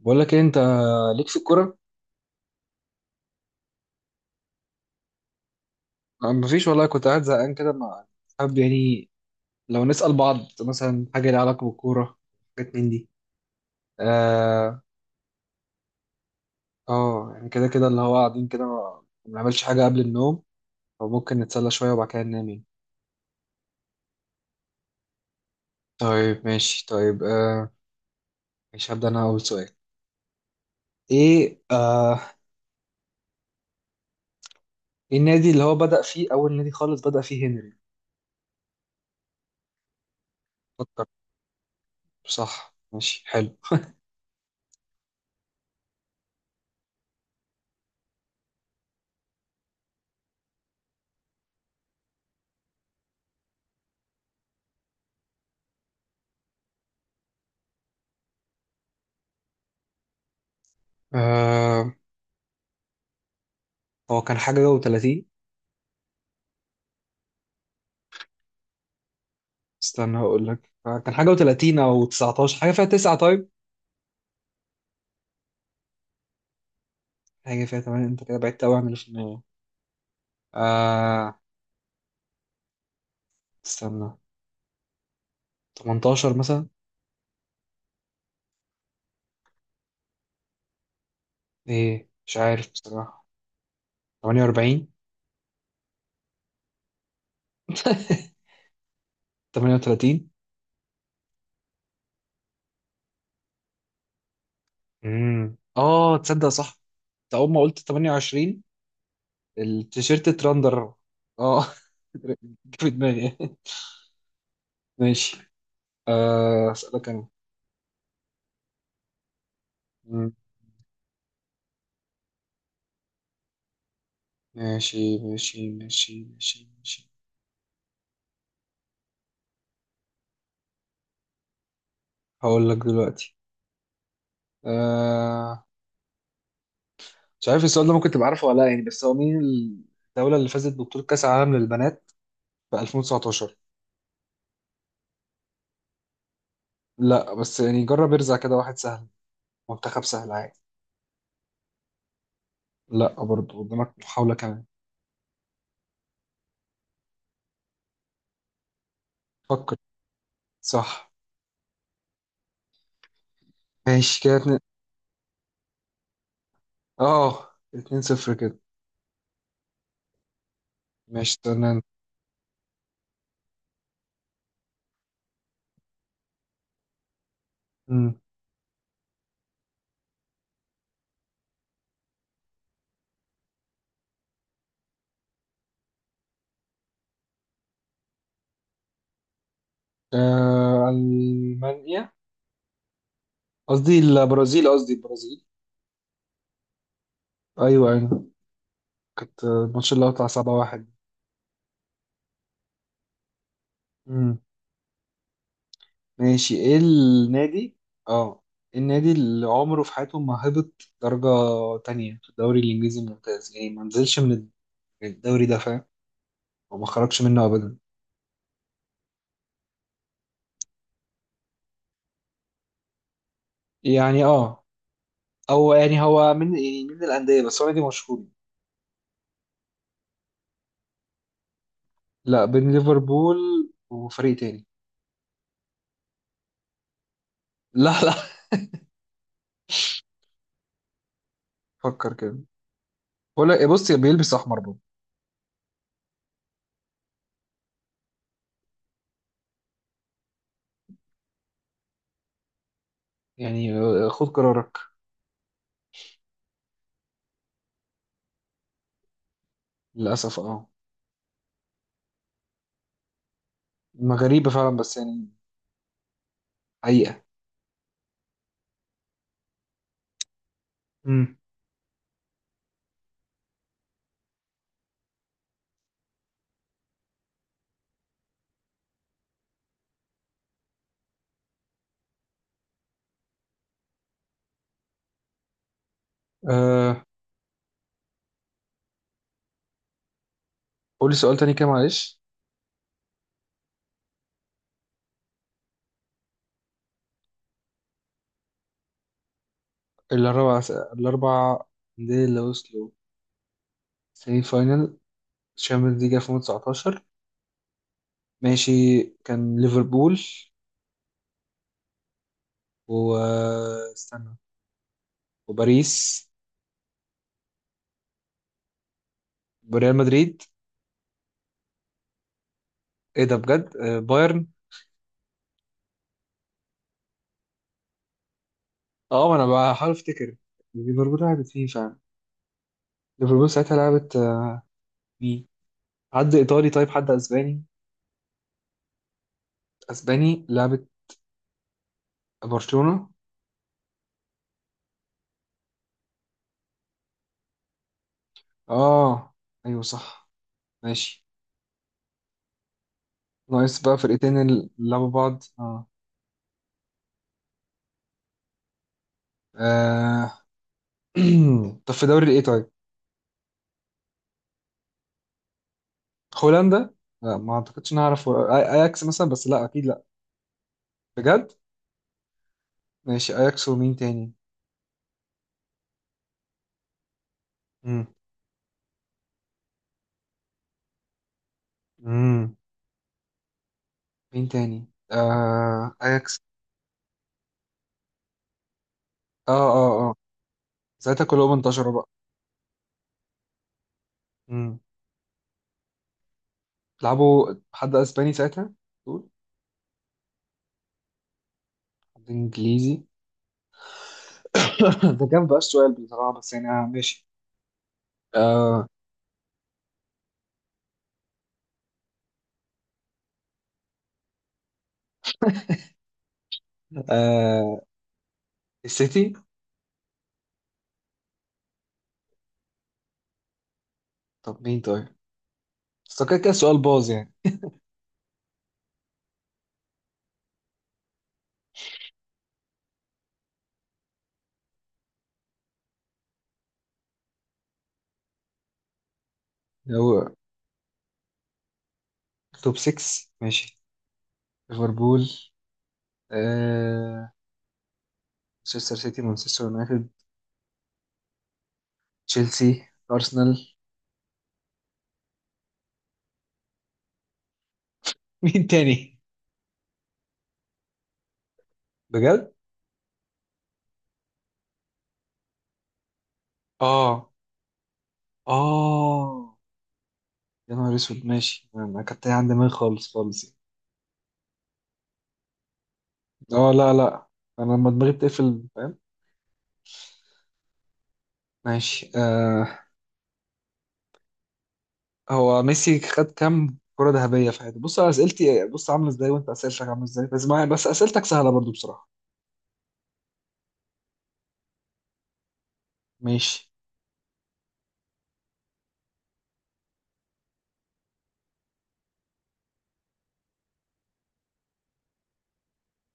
بقول لك إيه، انت ليك في الكوره؟ آه، مفيش والله. كنت قاعد زهقان كده مع، حابب يعني لو نسأل بعض مثلا حاجه ليها علاقه بالكوره، حاجات من دي. اه. اه، يعني كده كده اللي هو قاعدين كده ما بنعملش حاجه قبل النوم، فممكن نتسلى شويه وبعد كده ننام يعني. طيب، ماشي، طيب. مش هبدأ انا اول سؤال؟ ايه آه إيه النادي اللي هو بدأ فيه، اول نادي خالص بدأ فيه هنري؟ فكر. صح، ماشي، حلو. آه هو كان حاجه و30. استنى، هقول لك كان حاجة و30 أو 19، حاجة فيها 9. طيب، حاجة فيها 8. أنت كده بعدت أوي عن اللي في النهاية. آه استنى، 18 مثلا. إيه، مش عارف بصراحة. 48. 38. تصدق صح. أنت أول ما قلت 28، التيشيرت اترندر. آه. جه في دماغي. ماشي. أسألك أنا. مم. ماشي، ماشي، ماشي، ماشي، ماشي. هقول لك دلوقتي آه مش عارف السؤال ده ممكن تبقى عارفه ولا لا يعني، بس هو مين الدولة اللي فازت ببطولة كأس العالم للبنات في 2019؟ لا، بس يعني جرب ارزع كده واحد سهل، منتخب سهل عادي. لا، برضه قدامك محاولة كمان. فكر. صح، ماشي، كده اتنين. اه، 2-0 كده. ماشي، استنى انت. مم. ألمانيا. قصدي البرازيل، قصدي البرازيل. ايوه، ايوه. كانت الماتش اللي هو بتاع 7-1. ماشي، ايه النادي اه إيه النادي اللي عمره في حياته ما هبط درجة تانية في الدوري الإنجليزي الممتاز، يعني ما نزلش من الدوري ده، فاهم؟ وما خرجش منه أبدا. يعني أو يعني هو من يعني من الأندية، بس هو نادي مشهور. لا، بين ليفربول وفريق تاني. لا، لا. فكر كده. ولا بص بيلبس أحمر برضه. يعني، خد قرارك. للأسف اه ما غريبة فعلا، بس يعني، حقيقة. امم آه قولي سؤال تاني كده معلش. الأربع الأربع أندية اللي وصلوا سيمي فاينل الشامبيونز ليج 2019. ماشي، كان ليفربول. واستنى، وباريس وريال مدريد. ايه ده بجد؟ بايرن. اه ما انا بحاول افتكر. ليفربول لعبت مين فعلا؟ ليفربول ساعتها لعبت، مين؟ حد ايطالي، طيب حد اسباني. اسباني، لعبت برشلونة. اه ايوه، صح، ماشي. ناقص بقى فرقتين اللي لعبوا بعض اه آه، طب في دوري ايه طيب؟ هولندا؟ لا، ما اعتقدش. نعرف اياكس مثلا، بس لا، اكيد لا. بجد؟ ماشي، اياكس ومين تاني؟ امم امم مين تاني؟ اياكس. اه، اه، اه، ساعتها كلهم انتشروا بقى. امم لعبوا حد اسباني ساعتها دول؟ حد انجليزي. ده كان بقى السؤال بصراحه، بس يعني. ماشي. آه آه السيتي. طب مين طيب؟ بس هو كده كده السؤال باظ يعني. هو توب 6. ماشي، ليفربول، آه مانشستر سيتي، مانشستر يونايتد، تشيلسي، ارسنال. مين تاني؟ بجد؟ اه، اه، يا نهار اسود. ماشي، انا كنت عندي دماغي خالص خالص. اه، لا، لا، انا لما دماغي بتقفل، فاهم. ماشي. هو ميسي خد كام كرة ذهبية في حياته؟ بص على اسئلتي، بص عاملة ازاي، وانت اسئلتك عاملة ازاي. بس معايا بس اسئلتك سهلة برضو بصراحة. ماشي.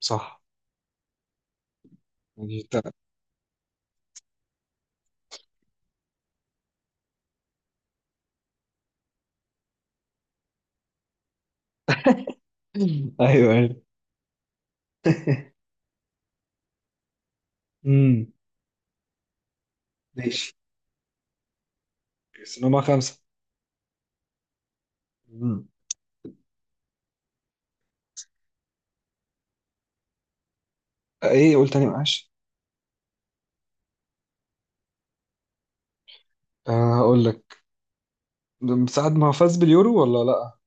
صح يعني ايوه، ايوه. امم ماشي، بس إن هما خمسة. امم ايه، قول تاني معلش. هقول لك. ده من ساعة ما فاز باليورو ولا لأ؟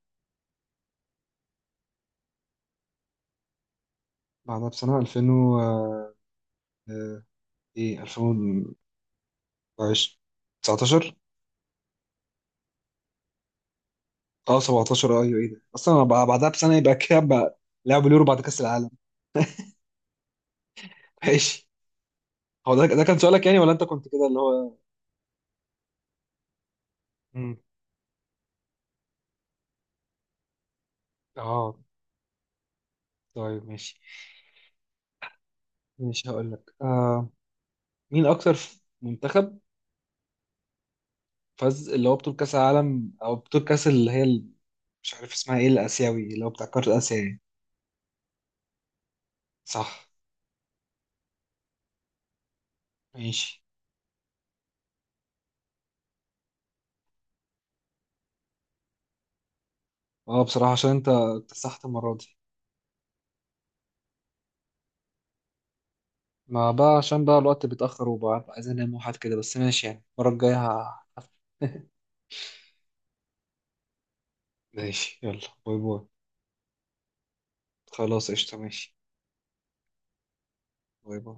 بعدها بسنة 2000 و إيه، 2019، 19، 17، أيوه. إيه ده أصلا؟ أنا بعدها بسنة، يبقى كده بقى لعب اليورو بعد كأس العالم. ماشي. هو ده كان سؤالك يعني، ولا أنت كنت كده اللي هو. مم. أه طيب، ماشي، ماشي. هقول لك. مين أكتر منتخب فاز اللي هو بطولة كأس العالم، أو بطولة كأس اللي هي مش عارف اسمها إيه، الآسيوي اللي هو بتاع قارة آسيا يعني. صح، ماشي. اه بصراحة عشان انت اكتسحت المرة دي، ما بقى عشان بقى الوقت بيتأخر وبقى عايز انام وحاجات كده. بس ماشي يعني المرة الجاية ماشي. يلا، باي باي. خلاص، قشطة، ماشي. باي باي.